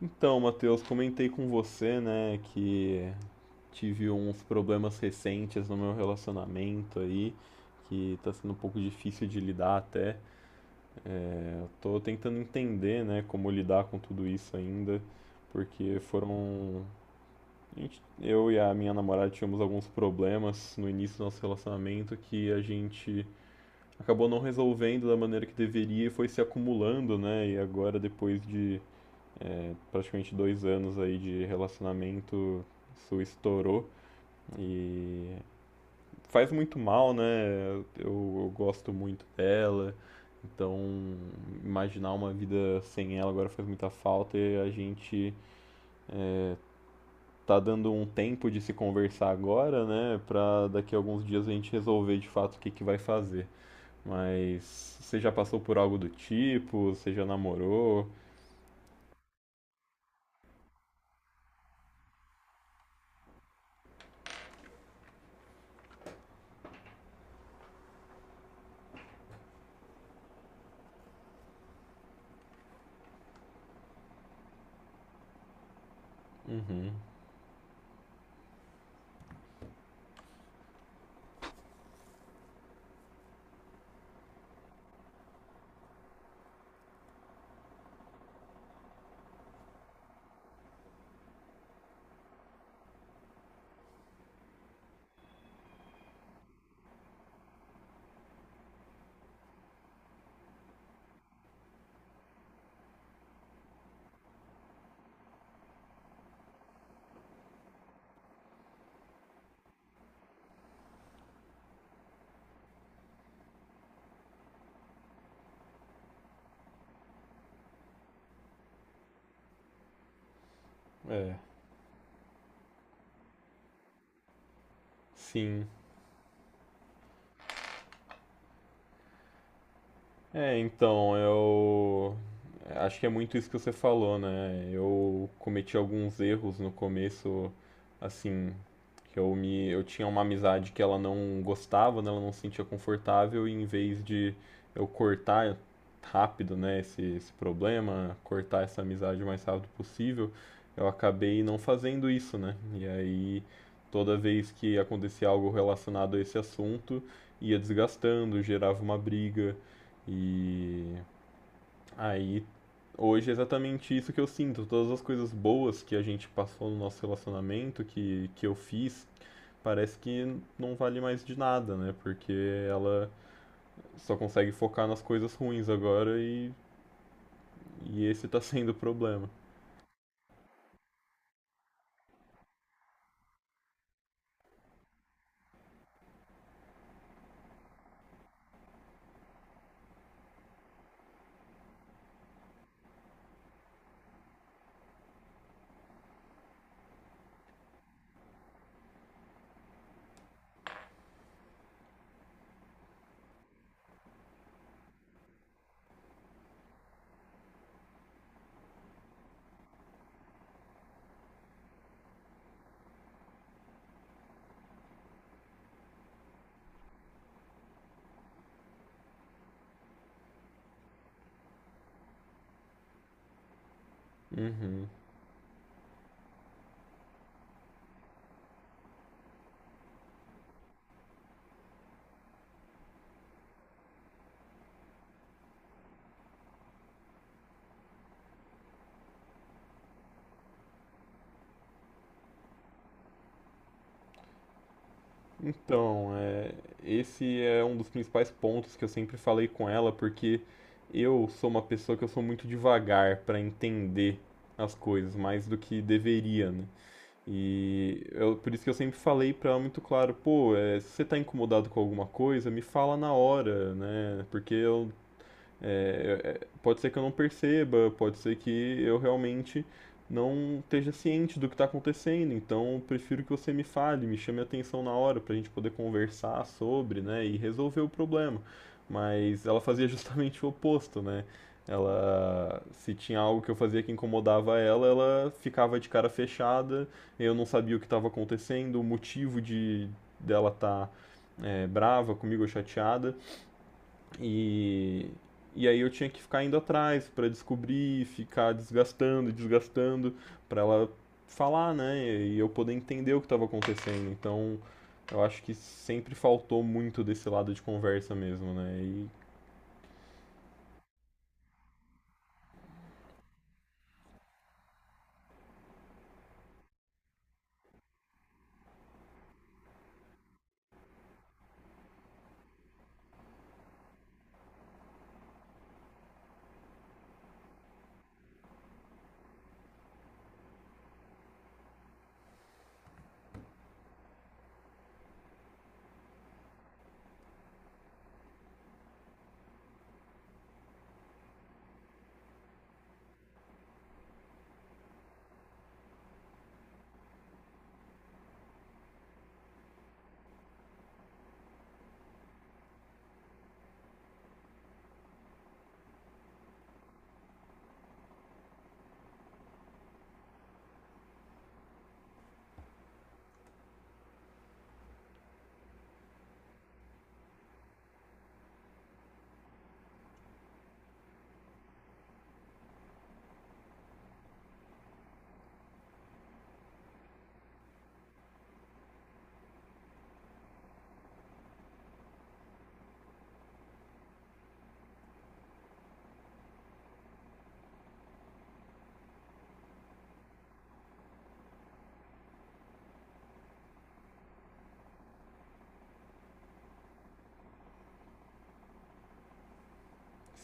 Então, Matheus, comentei com você, né, que tive uns problemas recentes no meu relacionamento aí, que tá sendo um pouco difícil de lidar até. Eu tô tentando entender, né, como lidar com tudo isso ainda, porque foram. Eu e a minha namorada tivemos alguns problemas no início do nosso relacionamento que a gente acabou não resolvendo da maneira que deveria e foi se acumulando, né, e agora depois de praticamente 2 anos aí de relacionamento, isso estourou e faz muito mal, né? Eu gosto muito dela, então imaginar uma vida sem ela agora faz muita falta e a gente tá dando um tempo de se conversar agora, né? Pra daqui a alguns dias a gente resolver de fato o que vai fazer. Mas você já passou por algo do tipo? Você já namorou? Uhum. É. Sim. É, então, eu acho que é muito isso que você falou, né? Eu cometi alguns erros no começo, assim, que eu me eu tinha uma amizade que ela não gostava, né? Ela não se sentia confortável e em vez de eu cortar rápido, né, esse problema, cortar essa amizade o mais rápido possível, eu acabei não fazendo isso, né? E aí toda vez que acontecia algo relacionado a esse assunto, ia desgastando, gerava uma briga. E aí, hoje é exatamente isso que eu sinto. Todas as coisas boas que a gente passou no nosso relacionamento, que eu fiz, parece que não vale mais de nada, né? Porque ela só consegue focar nas coisas ruins agora e esse tá sendo o problema. Uhum. Então, é, esse é um dos principais pontos que eu sempre falei com ela, porque eu sou uma pessoa que eu sou muito devagar pra entender as coisas, mais do que deveria, né? E eu, por isso que eu sempre falei pra ela muito claro, pô, é, se você tá incomodado com alguma coisa, me fala na hora, né? Porque eu pode ser que eu não perceba, pode ser que eu realmente não esteja ciente do que está acontecendo, então prefiro que você me fale, me chame a atenção na hora para a gente poder conversar sobre, né, e resolver o problema. Mas ela fazia justamente o oposto, né? Ela, se tinha algo que eu fazia que incomodava ela, ela ficava de cara fechada, eu não sabia o que estava acontecendo, o motivo de dela estar tá, é, brava comigo ou chateada. E, e aí eu tinha que ficar indo atrás para descobrir, ficar desgastando, desgastando, para ela falar, né? E eu poder entender o que estava acontecendo. Então, eu acho que sempre faltou muito desse lado de conversa mesmo, né? E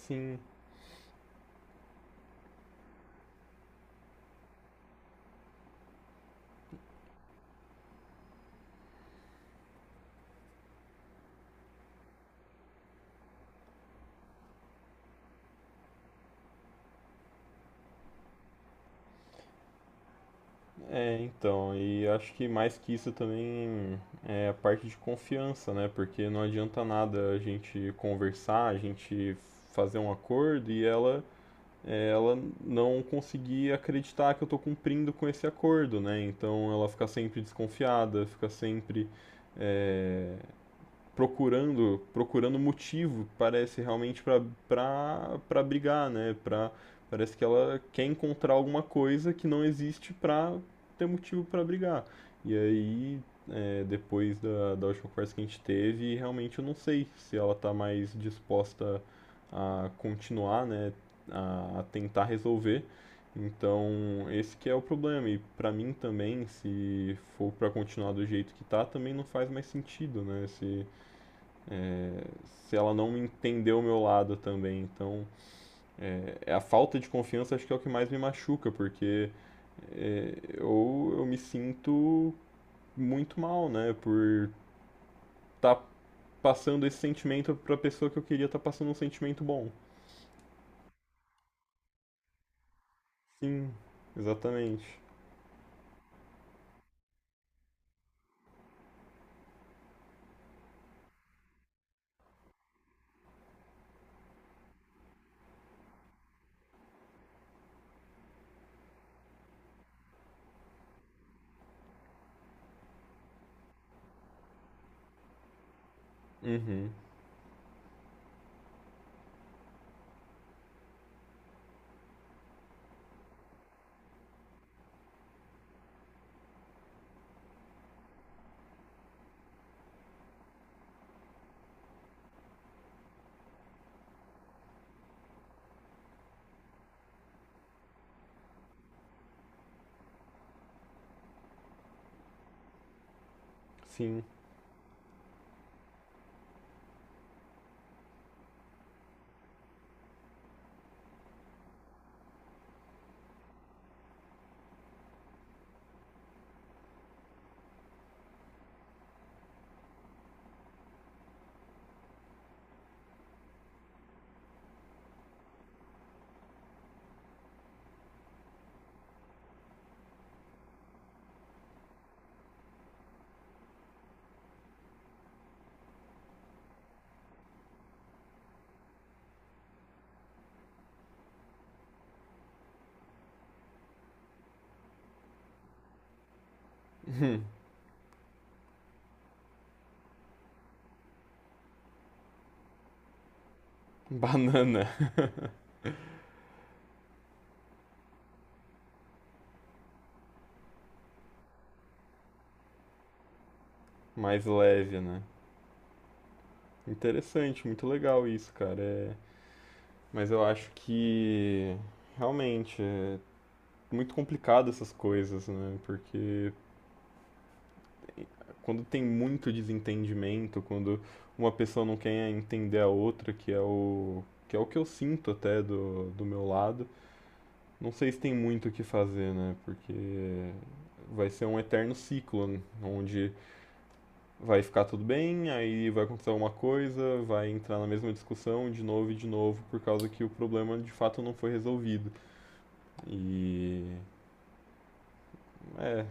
sim, é, então, e acho que mais que isso também é a parte de confiança, né? Porque não adianta nada a gente conversar, a gente fazer um acordo e ela ela não conseguir acreditar que eu estou cumprindo com esse acordo, né? Então ela fica sempre desconfiada, fica sempre é, procurando motivo parece realmente para para brigar né para parece que ela quer encontrar alguma coisa que não existe para ter motivo para brigar e aí é, depois da última conversa que a gente teve realmente eu não sei se ela está mais disposta a continuar né a tentar resolver então, esse que é o problema. E pra mim também, se for pra continuar do jeito que tá, também não faz mais sentido, né? Se ela não entendeu o meu lado também. Então, é a falta de confiança acho que é o que mais me machuca, porque é, eu me sinto muito mal, né, por estar passando esse sentimento para a pessoa que eu queria estar passando um sentimento bom. Sim, exatamente. Uhum, sim. Uhum. Banana. Mais leve, né? Interessante, muito legal isso, cara. É, mas eu acho que realmente é, muito complicado essas coisas, né? Porque quando tem muito desentendimento, quando uma pessoa não quer entender a outra, que é o que eu sinto até do meu lado, não sei se tem muito o que fazer, né? Porque vai ser um eterno ciclo, né? Onde vai ficar tudo bem, aí vai acontecer alguma coisa, vai entrar na mesma discussão de novo e de novo, por causa que o problema de fato não foi resolvido. E é,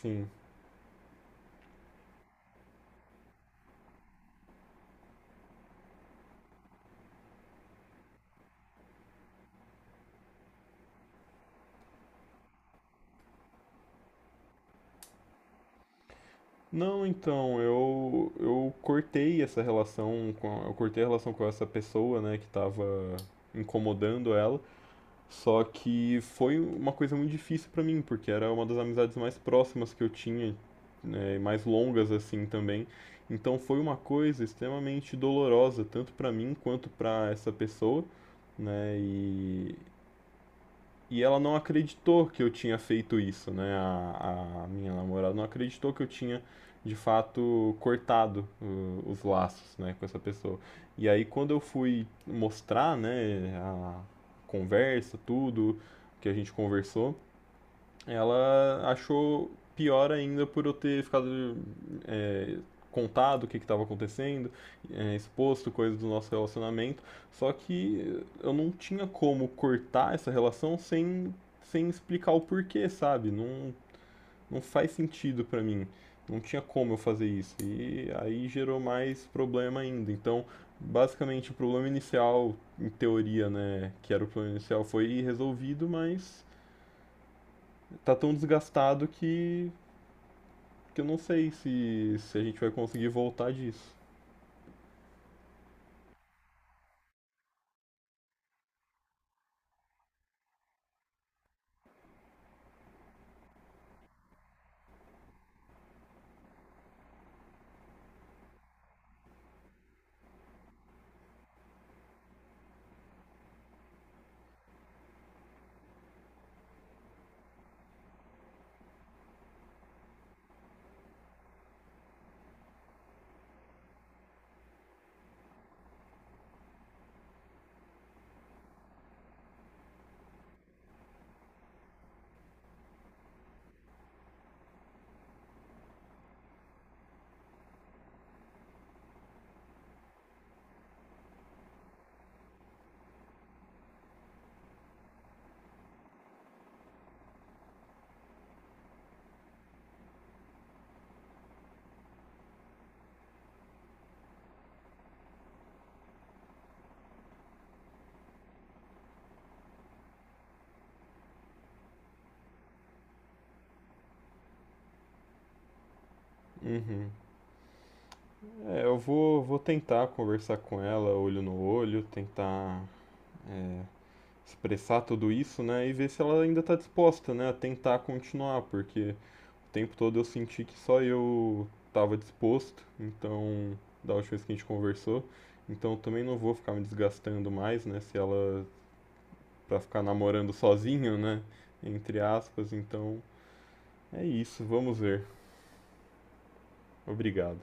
sim, não, então, eu cortei a relação com essa pessoa, né, que tava incomodando ela. Só que foi uma coisa muito difícil pra mim, porque era uma das amizades mais próximas que eu tinha, né, e mais longas assim também. Então foi uma coisa extremamente dolorosa, tanto pra mim quanto pra essa pessoa, né? E ela não acreditou que eu tinha feito isso, né? A minha namorada não acreditou que eu tinha, de fato, cortado os laços, né, com essa pessoa. E aí, quando eu fui mostrar, né, a conversa, tudo que a gente conversou, ela achou pior ainda por eu ter ficado é, contado o que estava acontecendo, é, exposto coisas do nosso relacionamento. Só que eu não tinha como cortar essa relação sem explicar o porquê, sabe? Não, não faz sentido para mim. Não tinha como eu fazer isso. E aí gerou mais problema ainda. Então, basicamente, o problema inicial, em teoria, né, que era o problema inicial, foi resolvido, mas tá tão desgastado que eu não sei se, se a gente vai conseguir voltar disso. Uhum. É, vou tentar conversar com ela, olho no olho, tentar expressar tudo isso, né? E ver se ela ainda tá disposta, né? A tentar continuar, porque o tempo todo eu senti que só eu tava disposto, então, da última vez que a gente conversou. Então eu também não vou ficar me desgastando mais, né? Se ela. Pra ficar namorando sozinho, né? Entre aspas, então. É isso, vamos ver. Obrigado.